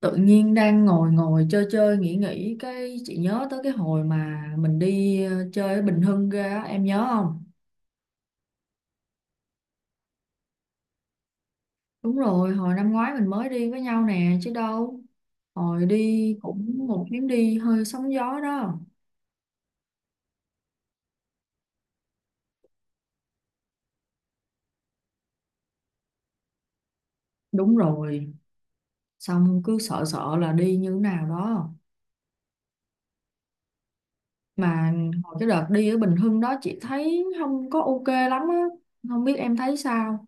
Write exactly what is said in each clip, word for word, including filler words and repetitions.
Tự nhiên đang ngồi ngồi chơi chơi nghĩ nghĩ cái chị nhớ tới cái hồi mà mình đi ờ, chơi ở Bình Hưng ra á, em nhớ không? Đúng rồi, hồi năm ngoái mình mới đi với nhau nè chứ đâu. Hồi đi cũng một chuyến đi hơi sóng gió đó. Đúng rồi, xong cứ sợ sợ là đi như nào đó. Mà hồi cái đợt đi ở Bình Hưng đó chị thấy không có ok lắm á, không biết em thấy sao.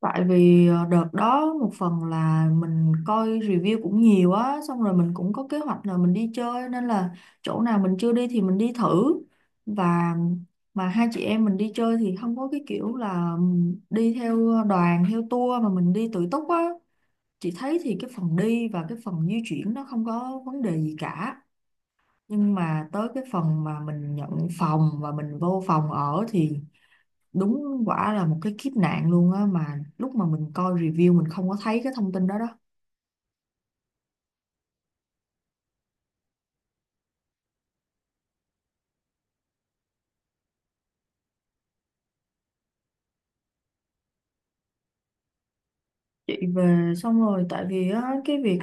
Tại vì ờ, đợt đó một phần là mình coi review cũng nhiều á, xong rồi mình cũng có kế hoạch là mình đi chơi nên là chỗ nào mình chưa đi thì mình đi thử. Và mà hai chị em mình đi chơi thì không có cái kiểu là đi theo đoàn, theo tour mà mình đi tự túc á. Chị thấy thì cái phần đi và cái phần di chuyển nó không có vấn đề gì cả. Nhưng mà tới cái phần mà mình nhận phòng và mình vô phòng ở thì đúng quả là một cái kiếp nạn luôn á, mà lúc mà mình coi review mình không có thấy cái thông tin đó đó. Chị về xong rồi, tại vì á cái việc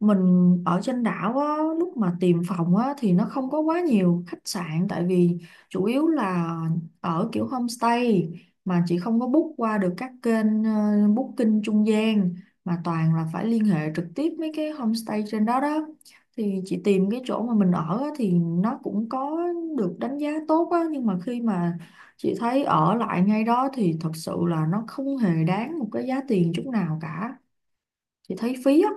mình ở trên đảo á, lúc mà tìm phòng á, thì nó không có quá nhiều khách sạn, tại vì chủ yếu là ở kiểu homestay mà chị không có book qua được các kênh ờ, booking trung gian mà toàn là phải liên hệ trực tiếp mấy cái homestay trên đó đó. Thì chị tìm cái chỗ mà mình ở á, thì nó cũng có được đánh giá tốt á, nhưng mà khi mà chị thấy ở lại ngay đó thì thật sự là nó không hề đáng một cái giá tiền chút nào cả, chị thấy phí á.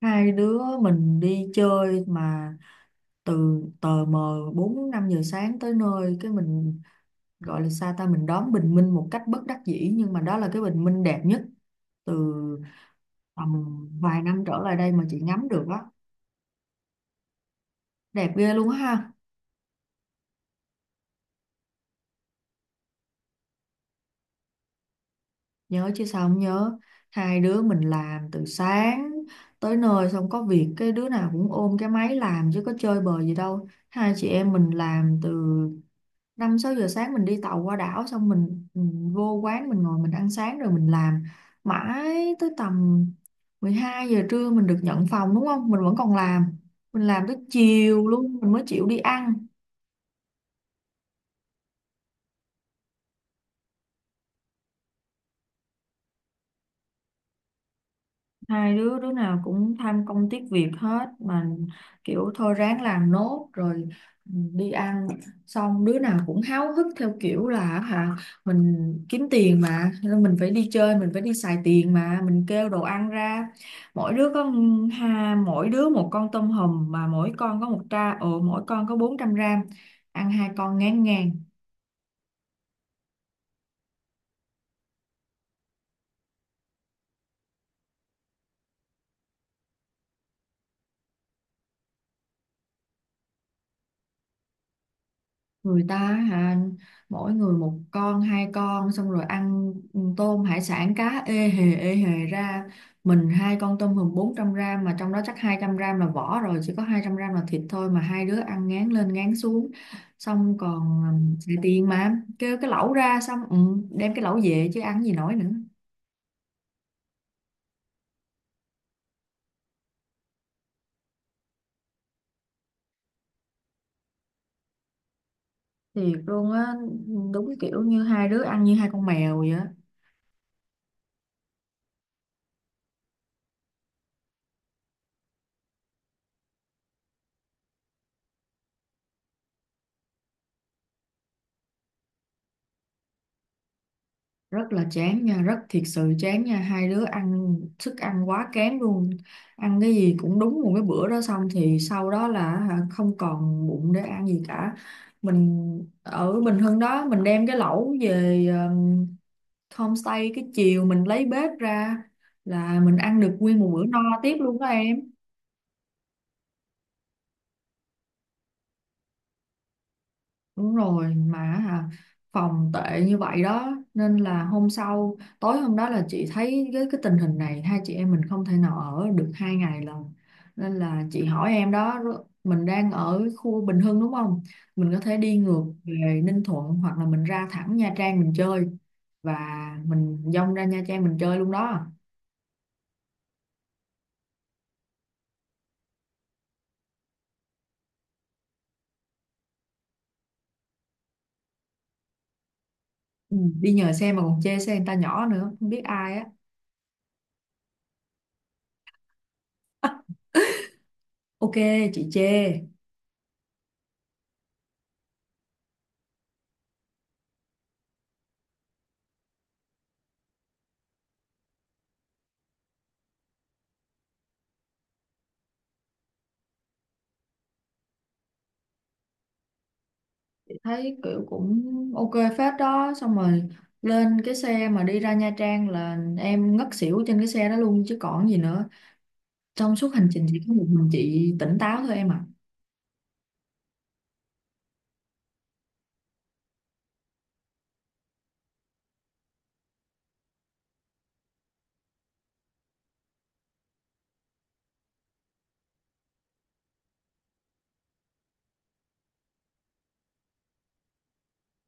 Hai đứa mình đi chơi mà từ tờ mờ bốn năm giờ sáng tới nơi cái mình gọi là sao ta, mình đón bình minh một cách bất đắc dĩ nhưng mà đó là cái bình minh đẹp nhất từ tầm vài năm trở lại đây mà chị ngắm được á, đẹp ghê luôn á ha. Nhớ chứ sao không nhớ, hai đứa mình làm từ sáng tới nơi xong có việc cái đứa nào cũng ôm cái máy làm chứ có chơi bời gì đâu. Hai chị em mình làm từ năm sáu giờ sáng mình đi tàu qua đảo, xong mình, mình vô quán mình ngồi mình ăn sáng rồi mình làm mãi tới tầm mười hai giờ trưa mình được nhận phòng đúng không, mình vẫn còn làm, mình làm tới chiều luôn mình mới chịu đi ăn. Hai đứa đứa nào cũng tham công tiếc việc hết mà, kiểu thôi ráng làm nốt rồi đi ăn. Xong đứa nào cũng háo hức theo kiểu là hả, mình kiếm tiền mà nên mình phải đi chơi, mình phải đi xài tiền. Mà mình kêu đồ ăn ra mỗi đứa có ha, mỗi đứa một con tôm hùm mà mỗi con có một tra ừ mỗi con có bốn trăm gram, ăn hai con ngán ngàn. Người ta á hả, mỗi người một con hai con xong rồi ăn tôm hải sản cá ê hề ê hề ra. Mình hai con tôm hùm bốn trăm gram mà trong đó chắc hai trăm gram là vỏ rồi, chỉ có hai trăm gram là thịt thôi mà hai đứa ăn ngán lên ngán xuống. Xong còn ừm, xài tiền mà kêu cái lẩu ra xong ừ, đem cái lẩu về chứ ăn gì nổi nữa. Thiệt luôn á, đúng kiểu như hai đứa ăn như hai con mèo vậy. Rất là chán nha, rất thiệt sự chán nha, hai đứa ăn thức ăn quá kém luôn, ăn cái gì cũng đúng một cái bữa đó xong thì sau đó là hả, không còn bụng để ăn gì cả. Mình ở Bình Hưng đó mình đem cái lẩu về um, homestay, cái chiều mình lấy bếp ra là mình ăn được nguyên một bữa no tiếp luôn đó em. Đúng rồi mà hả, phòng tệ như vậy đó nên là hôm sau, tối hôm đó là chị thấy với cái tình hình này hai chị em mình không thể nào ở được hai ngày lần, nên là chị hỏi em đó r- mình đang ở khu Bình Hưng đúng không, mình có thể đi ngược về Ninh Thuận hoặc là mình ra thẳng Nha Trang mình chơi. Và mình dông ra Nha Trang mình chơi luôn đó. Ừ, đi nhờ xe mà còn chê xe người ta nhỏ nữa, không biết ai á. Ok, chị chê. Thấy kiểu cũng ok phết đó, xong rồi lên cái xe mà đi ra Nha Trang là em ngất xỉu trên cái xe đó luôn chứ còn gì nữa, trong suốt hành trình chỉ có một mình chị tỉnh táo thôi em ạ.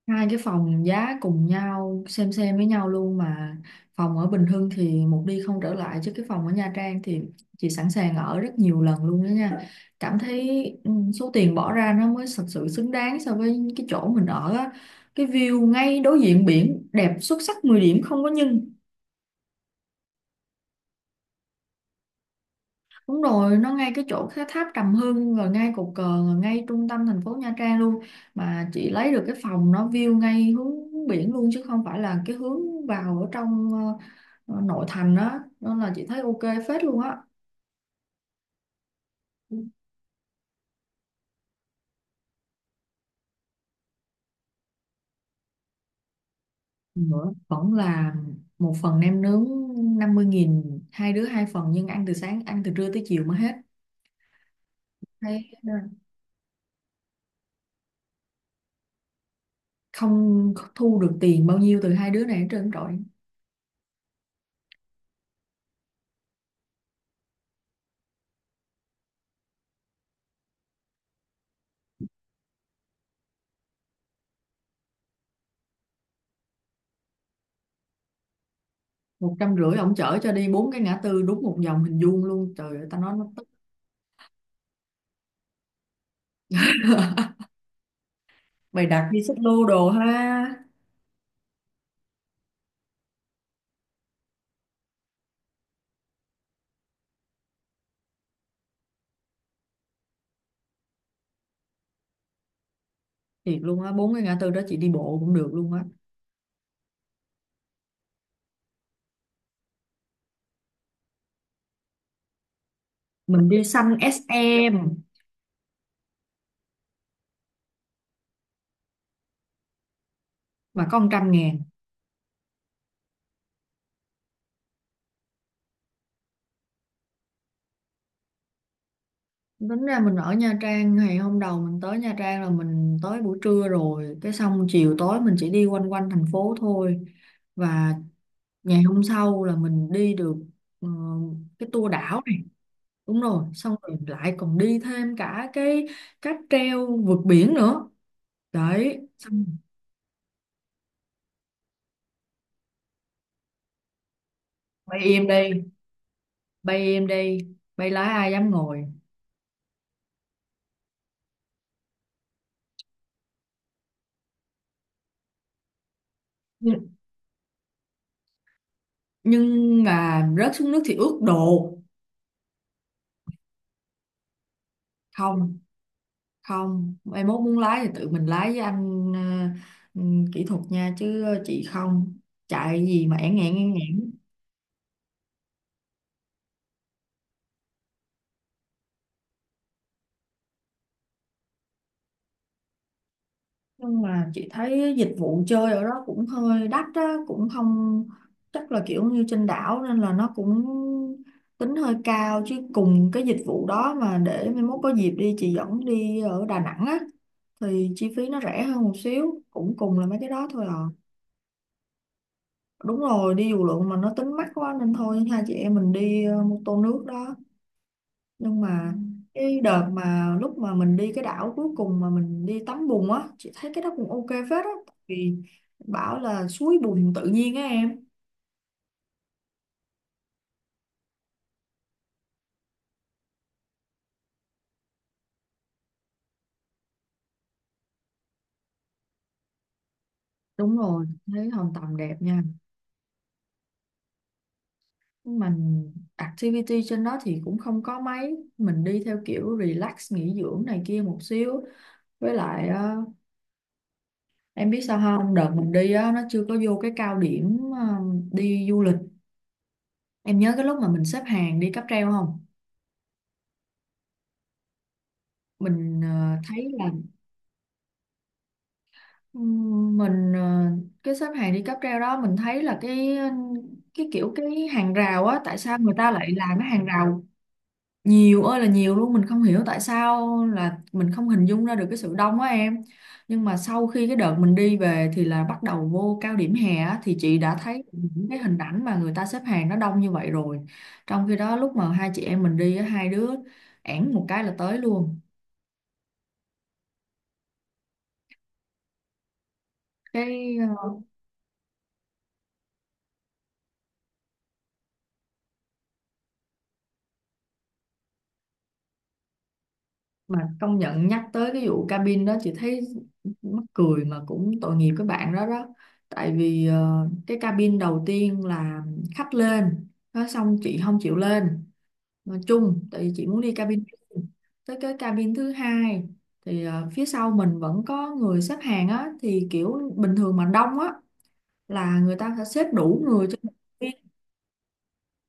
Hai cái phòng giá cùng nhau, xem xem với nhau luôn mà phòng ở Bình Hưng thì một đi không trở lại, chứ cái phòng ở Nha Trang thì chị sẵn sàng ở rất nhiều lần luôn đó nha. Cảm thấy ừ, số tiền bỏ ra nó mới thật sự xứng đáng so với cái chỗ mình ở á. Cái view ngay đối diện biển đẹp xuất sắc mười điểm không có nhưng. Đúng rồi, nó ngay cái chỗ cái tháp Trầm Hương, rồi ngay cột cờ, rồi ngay trung tâm thành phố Nha Trang luôn. Mà chị lấy được cái phòng nó view ngay hướng biển luôn chứ không phải là cái hướng vào ở trong ờ, ờ, nội thành á, nên là chị thấy ok phết luôn á. Nữa vẫn là một phần nem nướng năm mươi nghìn, hai đứa hai phần nhưng ăn từ sáng ăn từ trưa tới chiều mới hết. Thấy ờ, không thu được tiền bao nhiêu từ hai đứa này hết trơn trọi. Một trăm rưỡi ổng chở cho đi bốn cái ngã tư đúng một vòng hình vuông luôn, trời ơi ta nói nó tức. Bày đặt đi xích lô đồ ha. Thiệt luôn á, bốn cái ngã tư đó chị đi bộ cũng được luôn á. Mình đi xanh ét em mà có một trăm ngàn. Tính ra mình ở Nha Trang ngày hôm đầu mình tới Nha Trang là mình tới buổi trưa rồi, cái xong chiều tối mình chỉ đi quanh quanh thành phố thôi. Và ngày hôm sau là mình đi được ờ, cái tour đảo này. Đúng rồi, xong rồi lại còn đi thêm cả cái cáp treo vượt biển nữa đấy xong. Bay im đi, bay im đi, bay lái ai dám ngồi. Nhưng, nhưng mà rớt xuống nước thì ướt đồ. Không, không, mai mốt muốn lái thì tự mình lái với anh ờ, ừ, kỹ thuật nha, chứ chị không, chạy gì mà ẻn ngẹn ẻn ngẹn. Nhưng mà chị thấy dịch vụ chơi ở đó cũng hơi đắt á, cũng không chắc là kiểu như trên đảo nên là nó cũng tính hơi cao, chứ cùng cái dịch vụ đó mà để mai mốt có dịp đi chị dẫn đi ở Đà Nẵng á thì chi phí nó rẻ hơn một xíu cũng cùng là mấy cái đó thôi à. Đúng rồi, đi dù lượn mà nó tính mắc quá nên thôi hai chị em mình đi ờ, mô tô nước đó. Nhưng mà cái đợt mà lúc mà mình đi cái đảo cuối cùng mà mình đi tắm bùn á chị thấy cái đó cũng ok phết á, tại vì bảo là suối bùn tự nhiên á em. Đúng rồi, thấy Hòn Tầm đẹp nha. Nhưng mà activity trên đó thì cũng không có mấy, mình đi theo kiểu relax nghỉ dưỡng này kia một xíu. Với lại ờ, em biết sao không, đợt mình đi á nó chưa có vô cái cao điểm ờ, đi du lịch. Em nhớ cái lúc mà mình xếp hàng đi cáp treo không, mình ờ, thấy là Ừm, mình ờ, cái xếp hàng đi cáp treo đó mình thấy là cái cái kiểu cái hàng rào á, tại sao người ta lại làm cái hàng rào nhiều ơi là nhiều luôn, mình không hiểu tại sao là mình không hình dung ra được cái sự đông á em. Nhưng mà sau khi cái đợt mình đi về thì là bắt đầu vô cao điểm hè á, thì chị đã thấy những cái hình ảnh mà người ta xếp hàng nó đông như vậy rồi. Trong khi đó lúc mà hai chị em mình đi á, hai đứa ẻn một cái là tới luôn. cái ờ, mà công nhận nhắc tới cái vụ cabin đó chị thấy mắc cười mà cũng tội nghiệp các bạn đó đó. Tại vì ờ, cái cabin đầu tiên là khách lên nó xong chị không chịu lên, nói chung tại vì chị muốn đi cabin riêng. Tới cái cabin thứ hai thì ờ, phía sau mình vẫn có người xếp hàng á, thì kiểu bình thường mà đông á là người ta sẽ xếp đủ người cho.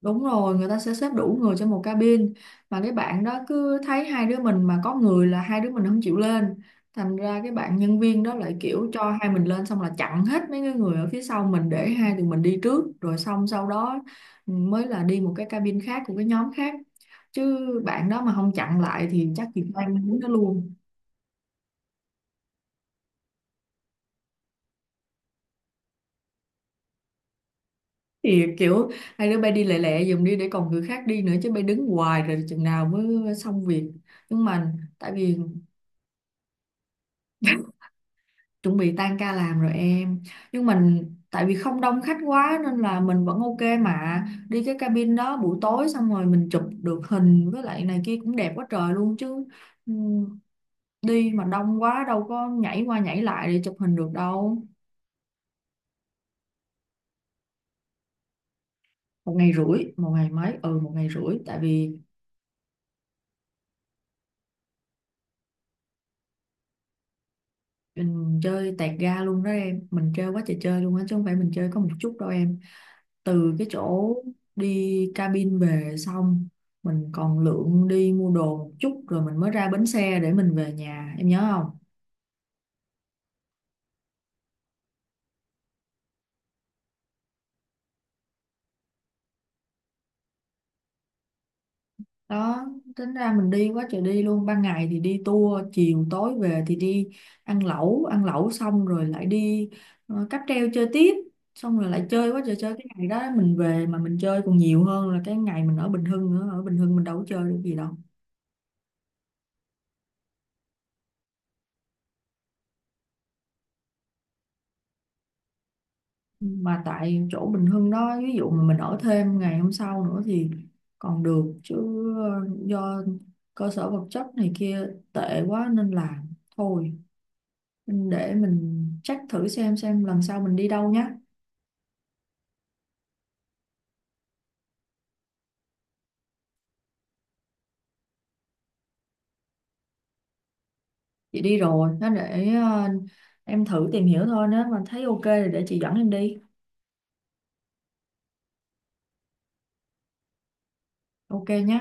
Đúng rồi, người ta sẽ xếp đủ người trong một cabin mà cái bạn đó cứ thấy hai đứa mình mà có người là hai đứa mình không chịu lên. Thành ra cái bạn nhân viên đó lại kiểu cho hai mình lên xong là chặn hết mấy cái người ở phía sau mình để hai tụi mình đi trước, rồi xong sau đó mới là đi một cái cabin khác của cái nhóm khác. Chứ bạn đó mà không chặn lại thì chắc chị Lan đứng đó luôn. Thì kiểu hai đứa bay đi lẹ lẹ dùm đi để còn người khác đi nữa, chứ bay đứng hoài rồi chừng nào mới xong việc. Nhưng mà tại vì chuẩn bị tan ca làm rồi em, nhưng mình tại vì không đông khách quá nên là mình vẫn ok mà đi cái cabin đó buổi tối, xong rồi mình chụp được hình với lại này kia cũng đẹp quá trời luôn chứ. Ừm, Đi mà đông quá đâu có nhảy qua nhảy lại để chụp hình được đâu. Một ngày rưỡi, một ngày mấy, ừ một ngày rưỡi, tại vì mình chơi tẹt ga luôn đó em, mình chơi quá trời chơi luôn á chứ không phải mình chơi có một chút đâu em. Từ cái chỗ đi cabin về xong mình còn lượn đi mua đồ một chút rồi mình mới ra bến xe để mình về nhà em nhớ không. Đó, tính ra mình đi quá trời đi luôn, ban ngày thì đi tour, chiều tối về thì đi ăn lẩu, ăn lẩu xong rồi lại đi ờ, cáp treo chơi tiếp, xong rồi lại chơi quá trời chơi. Cái ngày đó mình về mà mình chơi còn nhiều hơn là cái ngày mình ở Bình Hưng nữa, ở Bình Hưng mình đâu có chơi được gì đâu. Mà tại chỗ Bình Hưng đó ví dụ mà mình ở thêm ngày hôm sau nữa thì còn được chứ, ờ, do cơ sở vật chất này kia tệ quá nên là thôi. Mình để mình check thử xem xem lần sau mình đi đâu nhé. Chị đi rồi nó, để ờ, em thử tìm hiểu thôi, nếu mà thấy ok thì để chị dẫn em đi. Ok nhé.